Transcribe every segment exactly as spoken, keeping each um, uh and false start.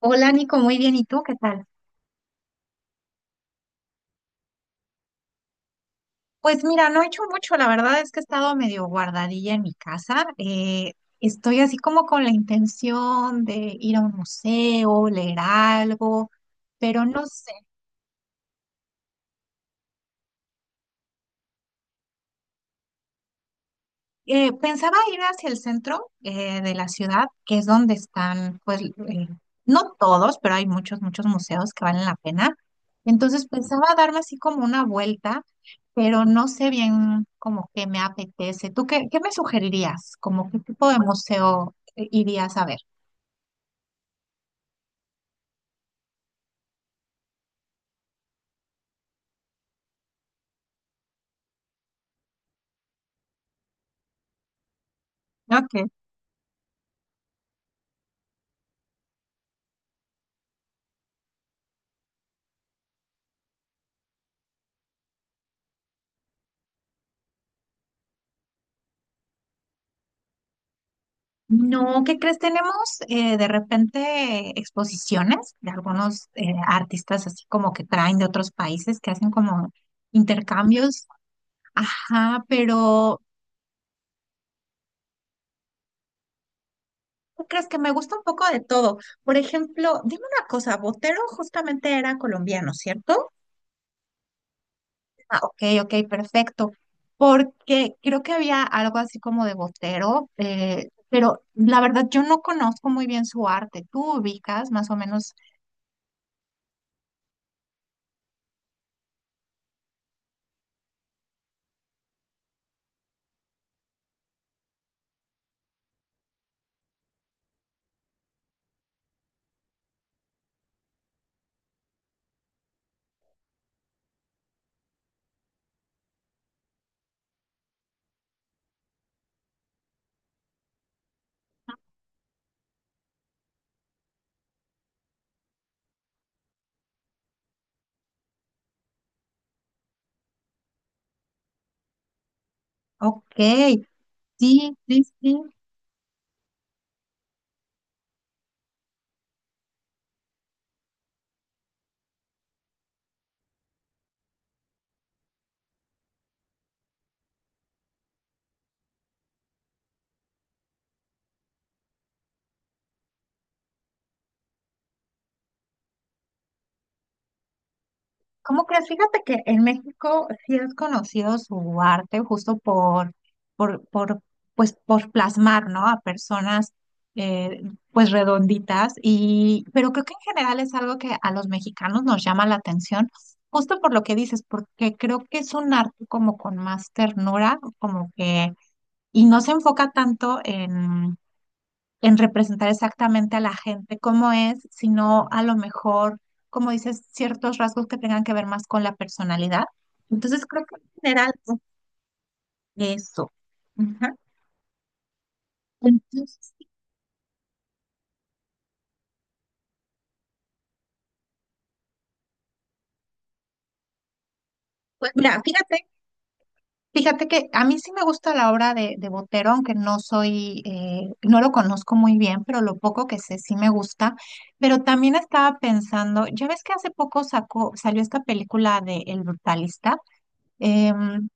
Hola Nico, muy bien. ¿Y tú qué tal? Pues mira, no he hecho mucho. La verdad es que he estado medio guardadilla en mi casa. Eh, estoy así como con la intención de ir a un museo, leer algo, pero no sé. Eh, pensaba ir hacia el centro eh, de la ciudad, que es donde están, pues, eh, no todos, pero hay muchos, muchos museos que valen la pena. Entonces pensaba darme así como una vuelta, pero no sé bien como que me apetece. ¿Tú qué, qué me sugerirías? ¿Como qué tipo de museo eh, irías a ver? Ok. No, ¿qué crees? Tenemos eh, de repente exposiciones de algunos eh, artistas así como que traen de otros países que hacen como intercambios. Ajá, pero ¿tú crees que me gusta un poco de todo? Por ejemplo, dime una cosa, Botero justamente era colombiano, ¿cierto? Ah, ok, ok, perfecto. Porque creo que había algo así como de Botero, eh, pero la verdad yo no conozco muy bien su arte. ¿Tú ubicas más o menos? Ok, sí, sí, sí. ¿Cómo crees? Fíjate que en México sí es conocido su arte justo por, por, por, pues, por plasmar, ¿no? A personas, eh, pues, redonditas. Y, pero creo que en general es algo que a los mexicanos nos llama la atención, justo por lo que dices, porque creo que es un arte como con más ternura, como que, y no se enfoca tanto en representar exactamente a la gente cómo es, sino a lo mejor, como dices, ciertos rasgos que tengan que ver más con la personalidad. Entonces creo que en general es eso. Ajá. Entonces, pues mira, fíjate, fíjate que a mí sí me gusta la obra de, de Botero, aunque no soy, eh, no lo conozco muy bien, pero lo poco que sé sí me gusta. Pero también estaba pensando, ya ves que hace poco sacó, salió esta película de El Brutalista. em,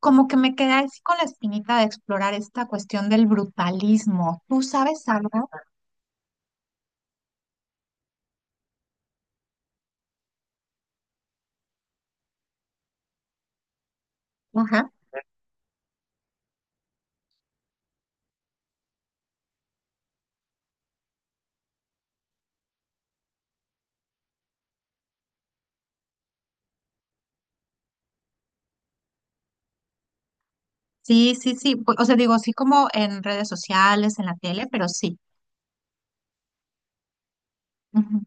Como que me quedé así con la espinita de explorar esta cuestión del brutalismo. ¿Tú sabes algo? Ajá. Sí, sí, sí. Pu- O sea, digo, sí como en redes sociales, en la tele, pero sí. Ujú,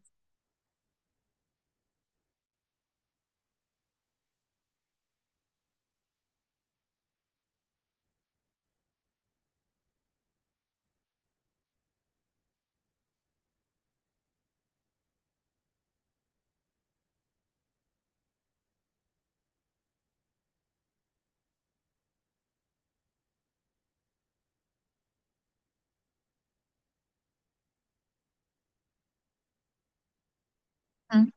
ujú.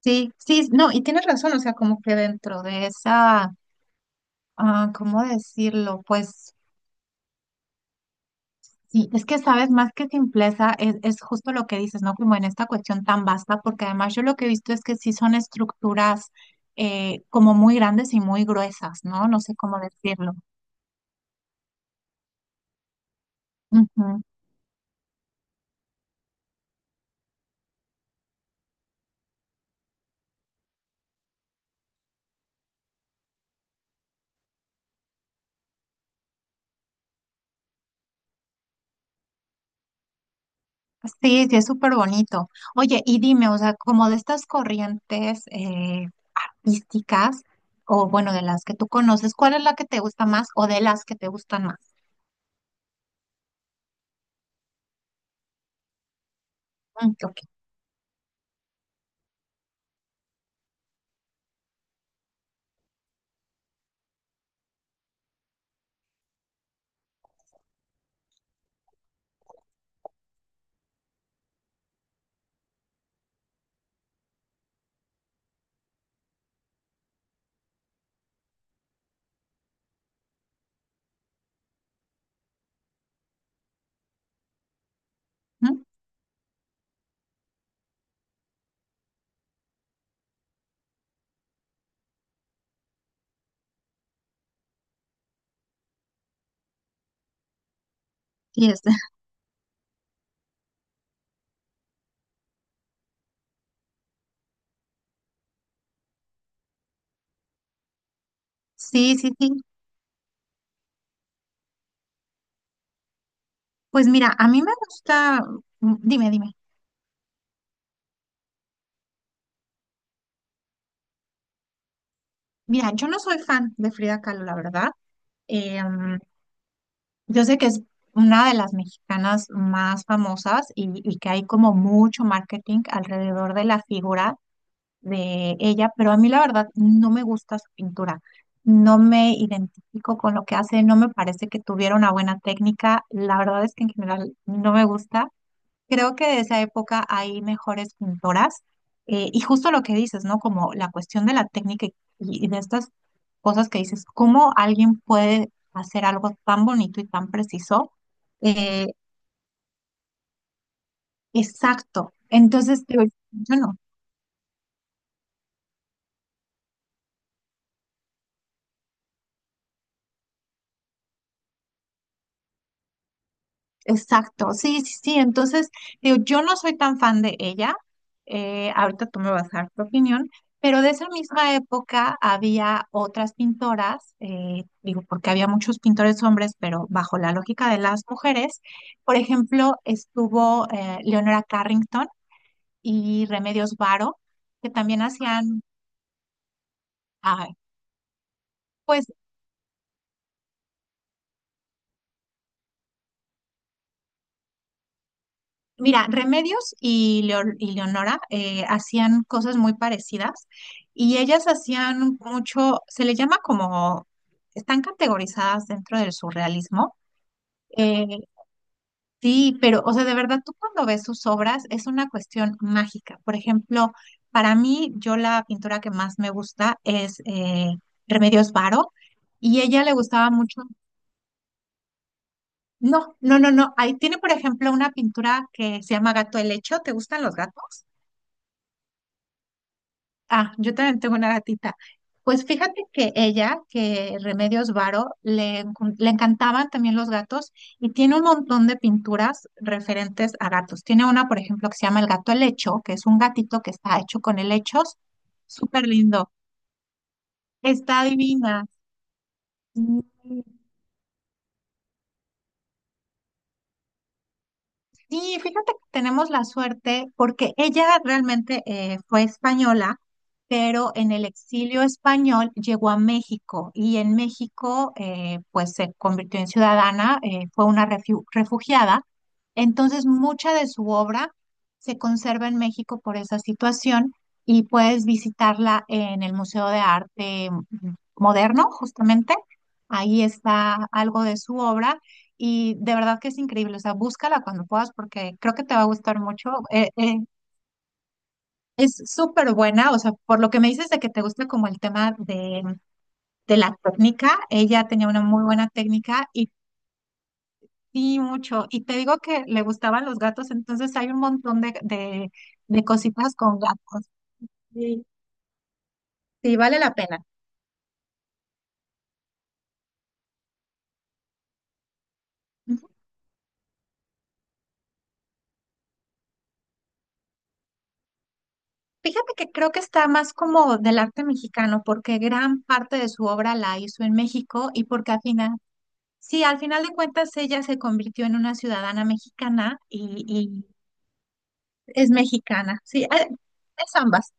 Sí, sí, no, y tienes razón, o sea, como que dentro de esa, ah, ¿cómo decirlo? Pues sí, es que sabes, más que simpleza, es, es justo lo que dices, ¿no? Como en esta cuestión tan vasta, porque además yo lo que he visto es que sí son estructuras eh, como muy grandes y muy gruesas, ¿no? No sé cómo decirlo. Ujú. Sí, sí, es súper bonito. Oye, y dime, o sea, como de estas corrientes eh, místicas, o bueno, de las que tú conoces, ¿cuál es la que te gusta más o de las que te gustan más? Mm, ok. Mm, y es- Sí, sí, sí. Pues mira, a mí me gusta, mm, dime, dime. Mira, yo no soy fan de Frida Kahlo, la verdad. Eh, mm, yo sé que es una de las mexicanas más famosas y, y que hay como mucho marketing alrededor de la figura de ella, pero a mí la verdad no me gusta su pintura, no me identifico con lo que hace, no me parece que tuviera una buena técnica, la verdad es que en general no me gusta. Creo que de esa época hay mejores pintoras eh, y justo lo que dices, ¿no? Como la cuestión de la técnica y, y de estas cosas que dices, ¿cómo alguien puede hacer algo tan bonito y tan preciso? Eh, exacto. Entonces, te- yo no. Exacto, sí, sí, sí. Entonces, digo, yo no soy tan fan de ella. Eh, ahorita tú me vas a dar tu opinión, pero de esa misma época había otras pintoras, eh, digo, porque había muchos pintores hombres, pero bajo la lógica de las mujeres. Por ejemplo, estuvo eh, Leonora Carrington y Remedios Varo, que también hacían, ah, pues. Mira, Remedios y, Leo- y Leonora eh, hacían cosas muy parecidas y ellas hacían mucho, se le llama como, están categorizadas dentro del surrealismo. Eh, sí, pero, o sea, de verdad, tú cuando ves sus obras es una cuestión mágica. Por ejemplo, para mí, yo la pintura que más me gusta es eh, Remedios Varo y ella le gustaba mucho. No, no, no, no. Ahí tiene, por ejemplo, una pintura que se llama Gato Helecho. ¿Te gustan los gatos? Ah, yo también tengo una gatita. Pues fíjate que ella, que Remedios Varo, le, encon- le encantaban también los gatos y tiene un montón de pinturas referentes a gatos. Tiene una, por ejemplo, que se llama El gato helecho, que es un gatito que está hecho con helechos. Súper lindo. Está divina. Sí. Sí, fíjate que tenemos la suerte porque ella realmente eh, fue española, pero en el exilio español llegó a México y en México eh, pues se convirtió en ciudadana, eh, fue una refiu- refugiada. Entonces mucha de su obra se conserva en México por esa situación y puedes visitarla en el Museo de Arte mm, Moderno, justamente. Ahí está algo de su obra. Y de verdad que es increíble, o sea, búscala cuando puedas porque creo que te va a gustar mucho. Eh, eh, es súper buena, o sea, por lo que me dices de que te gusta como el tema de, de la técnica, ella tenía una muy buena técnica y sí, mucho. Y te digo que le gustaban los gatos, entonces hay un montón de, de, de cositas con gatos. Sí, sí, vale la pena. Ujú. Fíjate que creo que está más como del arte mexicano porque gran parte de su obra la hizo en México y porque al final sí, al final de cuentas ella se convirtió en una ciudadana mexicana y, y es mexicana. Sí, eh, es ambas.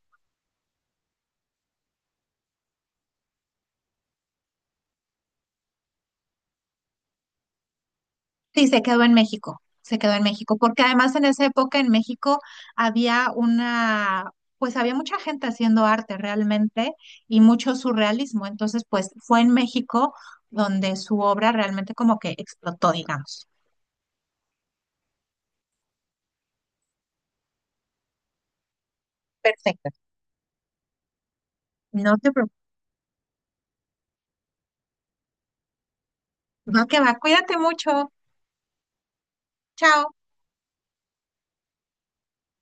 Sí, se quedó en México, se quedó en México, porque además en esa época en México había una, pues había mucha gente haciendo arte realmente y mucho surrealismo. Entonces, pues fue en México donde su obra realmente como que explotó, digamos. Perfecto. No te preocupes. No, que va. Cuídate mucho. Chao.